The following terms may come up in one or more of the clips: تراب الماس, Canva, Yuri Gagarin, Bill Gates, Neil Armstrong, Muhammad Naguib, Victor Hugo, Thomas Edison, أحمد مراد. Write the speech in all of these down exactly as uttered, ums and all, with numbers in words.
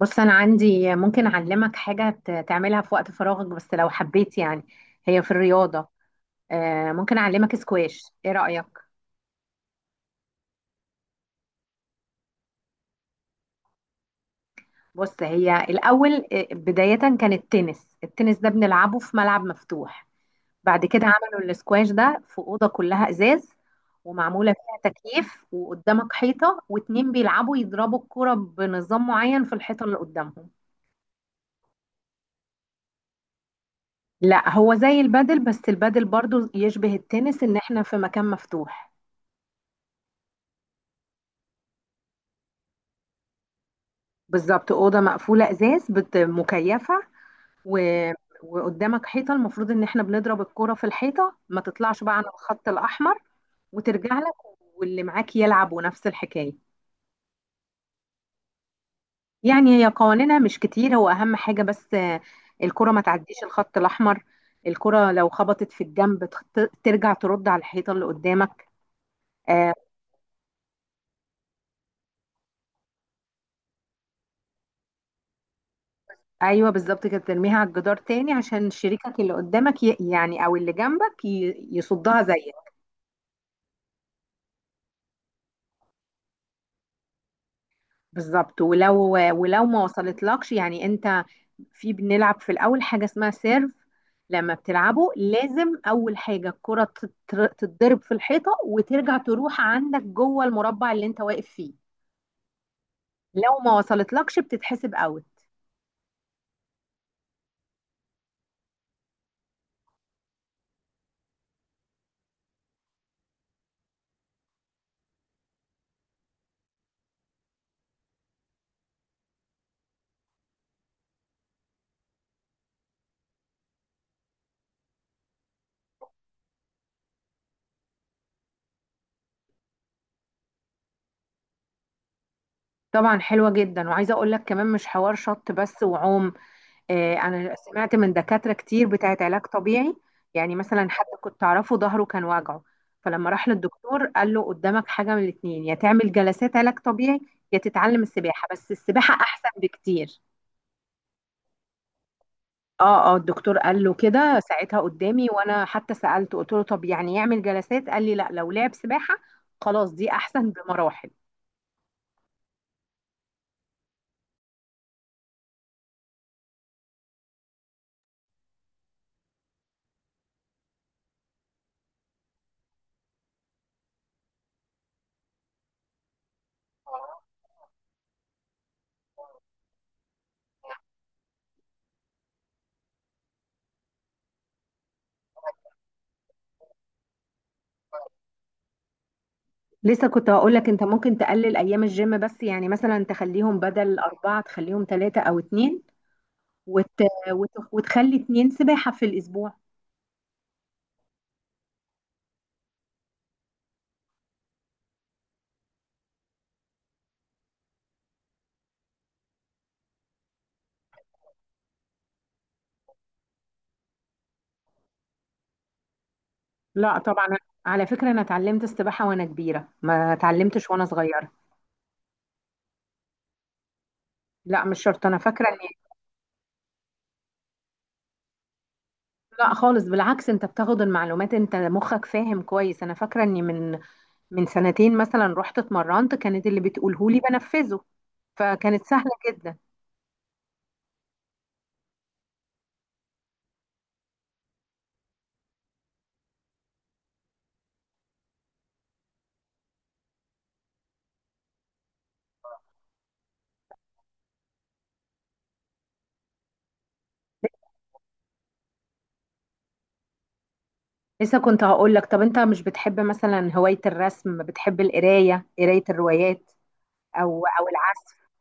بص أنا عندي ممكن أعلمك حاجة ت- تعملها في وقت فراغك بس لو حبيت. يعني هي في الرياضة. آه، ممكن أعلمك سكواش. إيه رأيك؟ بص هي الأول، آه، بداية كان التنس التنس ده بنلعبه في ملعب مفتوح. بعد كده عملوا السكواش ده في أوضة كلها إزاز، ومعمولة فيها تكييف، وقدامك حيطة، واتنين بيلعبوا يضربوا الكرة بنظام معين في الحيطة اللي قدامهم. لا، هو زي البادل، بس البادل برضو يشبه التنس إن إحنا في مكان مفتوح. بالظبط، اوضه مقفوله ازاز بت- مكيفه و... وقدامك حيطه، المفروض ان احنا بنضرب الكره في الحيطه، ما تطلعش بقى عن الخط الاحمر، وترجع لك، واللي معاك يلعب، ونفس الحكايه. يعني هي قوانينها مش كتير، هو اهم حاجه بس آه، الكره ما تعديش الخط الاحمر. الكره لو خبطت في الجنب، تخ- ترجع ترد على الحيطه اللي قدامك. آه، ايوه، بالظبط كده، ترميها على الجدار تاني عشان شريكك اللي قدامك، ي- يعني او اللي جنبك ي- يصدها زيك. بالظبط. ولو ولو ما وصلتلكش، يعني انت، في، بنلعب في الاول حاجه اسمها سيرف. لما بتلعبه، لازم اول حاجه الكره تتر- تتضرب في الحيطه، وترجع تروح عندك جوه المربع اللي انت واقف فيه. لو ما وصلتلكش بتتحسب اوت. طبعا، حلوه جدا، وعايزه اقول لك كمان مش حوار شط بس وعوم. آه، انا سمعت من دكاترة كتير بتاعت علاج طبيعي. يعني مثلا حد كنت اعرفه ظهره كان واجعه، فلما راح للدكتور قال له: قدامك حاجة من الاتنين، يا تعمل جلسات علاج طبيعي، يا تتعلم السباحة، بس السباحة احسن بكتير. اه، اه، الدكتور قال له كده ساعتها قدامي، وانا حتى سألته قلت له: طب يعني يعمل جلسات؟ قال لي: لا، لو لعب سباحة، خلاص، دي احسن بمراحل. لسه كنت هقول لك، انت ممكن تقلل ايام الجيم، بس يعني مثلا تخليهم، بدل اربعة تخليهم ثلاثة او اتنين، وت... وت... وتخلي اتنين سباحة في الأسبوع. لا طبعا، على فكرة أنا اتعلمت السباحة وأنا كبيرة، ما اتعلمتش وأنا صغيرة. لا، مش شرط، أنا فاكرة إني، لا خالص، بالعكس، أنت بتاخد المعلومات، أنت مخك فاهم كويس. أنا فاكرة إني من من سنتين مثلا رحت اتمرنت، كانت اللي بتقوله لي بنفذه، فكانت سهلة جدا. لسه كنت هقول لك، طب أنت مش بتحب مثلا هواية الرسم، بتحب القراية، قراية الروايات، أو أو العزف؟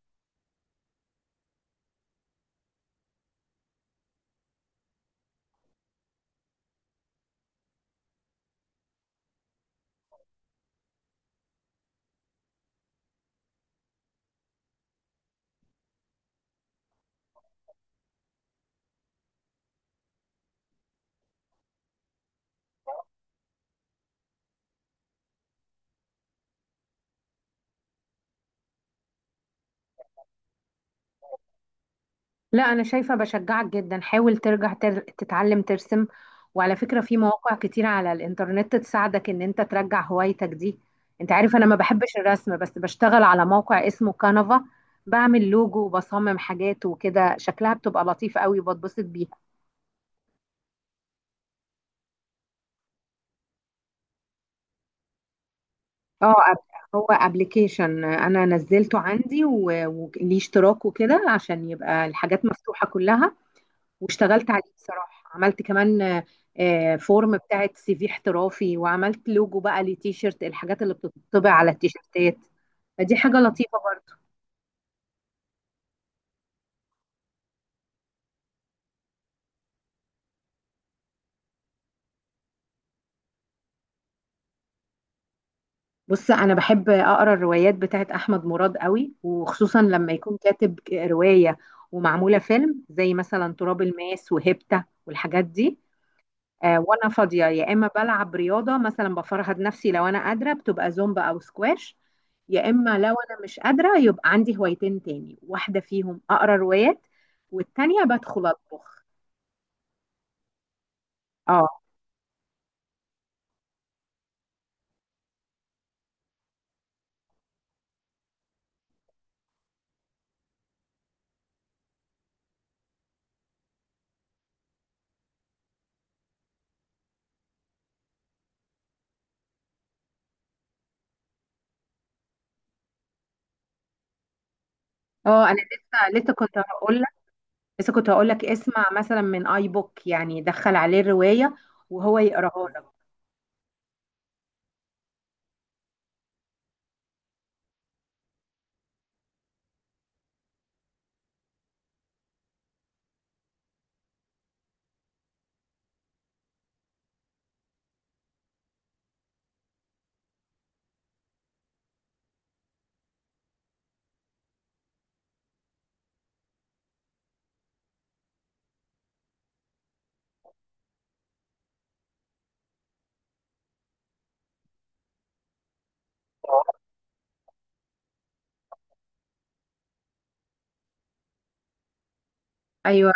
لا، انا شايفه بشجعك جدا، حاول ترجع تر... تتعلم ترسم. وعلى فكره في مواقع كتير على الانترنت تساعدك ان انت ترجع هوايتك دي. انت عارف انا ما بحبش الرسم، بس بشتغل على موقع اسمه كانفا، بعمل لوجو وبصمم حاجات وكده، شكلها بتبقى لطيف قوي وبتبسط بيها. اه، أب- هو ابلكيشن انا نزلته عندي و- وليه اشتراك وكده عشان يبقى الحاجات مفتوحه كلها. واشتغلت عليه بصراحة، عملت كمان آه، آه، فورم بتاعت سي في احترافي، وعملت لوجو بقى لتيشيرت، الحاجات اللي بتطبع على التيشيرتات، فدي حاجة لطيفة برضو. بص، أنا بحب أقرأ الروايات بتاعت أحمد مراد قوي، وخصوصا لما يكون كاتب رواية ومعمولة فيلم، زي مثلا تراب الماس وهيبتا والحاجات دي. آه، وانا فاضيه، يا اما بلعب رياضه مثلا بفرهد نفسي لو انا قادره، بتبقى زومبا او سكواش، يا اما لو انا مش قادره، يبقى عندي هوايتين تاني، واحده فيهم اقرا روايات، والتانيه بدخل اطبخ. اه، اه، انا لسه لسه كنت هقول لك، لسه كنت هقول لك، اسمع مثلا من اي بوك، يعني دخل عليه الروايه وهو يقراها لك. ايوه،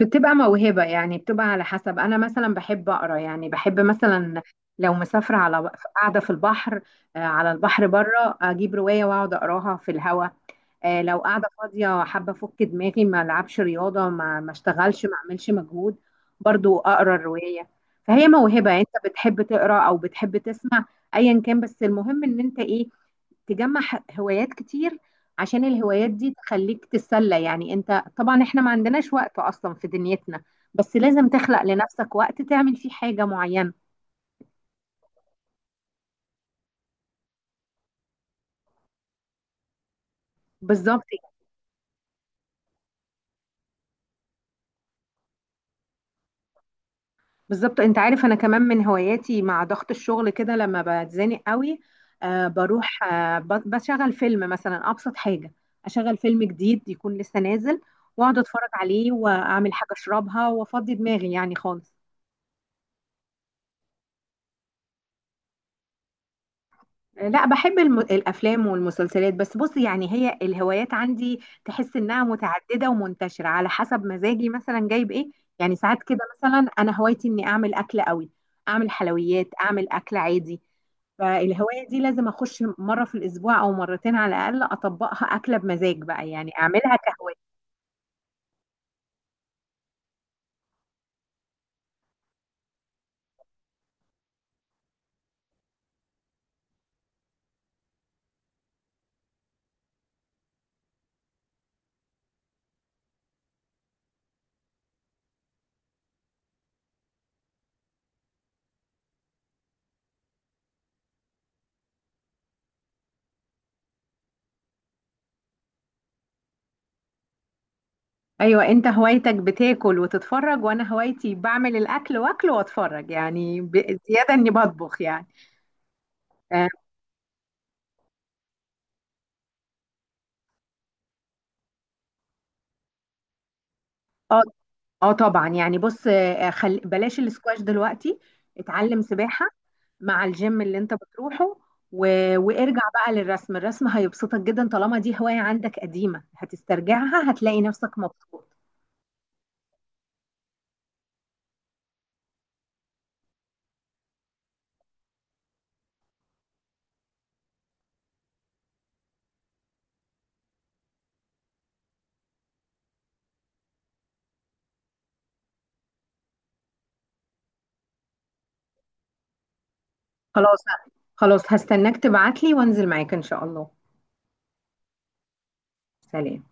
بتبقى موهبة، يعني بتبقى على حسب. أنا مثلا بحب أقرأ، يعني بحب مثلا لو مسافرة، على، قاعدة في البحر، آه، على البحر بره، أجيب رواية وأقعد أقراها في الهوا. آه، لو قاعدة فاضية حابة أفك دماغي، ما ألعبش رياضة، ما ما أشتغلش، ما أعملش مجهود، برضو أقرأ الرواية. فهي موهبة يعني، أنت بتحب تقرأ أو بتحب تسمع، أيا كان، بس المهم إن أنت إيه، تجمع ح- هوايات كتير، عشان الهوايات دي تخليك تتسلى. يعني انت طبعا احنا ما عندناش وقت اصلا في دنيتنا، بس لازم تخلق لنفسك وقت تعمل فيه حاجة معينة. بالظبط، بالظبط. انت عارف انا كمان من هواياتي مع ضغط الشغل كده، لما بتزنق قوي، آه بروح، آه ب- بشغل فيلم مثلا، ابسط حاجة، اشغل فيلم جديد يكون لسه نازل، واقعد اتفرج عليه، واعمل حاجة اشربها، وافضي دماغي يعني خالص. لا، بحب الم... الافلام والمسلسلات. بس بص يعني هي الهوايات عندي تحس انها متعدده ومنتشره على حسب مزاجي مثلا جايب ايه. يعني ساعات كده مثلا، انا هوايتي اني اعمل اكل قوي، اعمل حلويات، اعمل اكل عادي، فالهوايه دي لازم اخش مره في الاسبوع او مرتين على الاقل اطبقها، اكله بمزاج بقى، يعني اعملها كهوايه. ايوه، انت هوايتك بتاكل وتتفرج، وانا هوايتي بعمل الاكل واكل واتفرج، يعني ب- زياده اني بطبخ يعني. اه، اه، طبعا، يعني بص، آه، خل... بلاش الاسكواش دلوقتي. اتعلم سباحة مع الجيم اللي انت بتروحه و... وارجع بقى للرسم. الرسم هيبسطك جدا، طالما دي هواية عندك قديمة هتسترجعها، هتلاقي نفسك مبسوط. خلاص، خلاص، هستناك تبعتلي وانزل معاك ان شاء الله. سلام.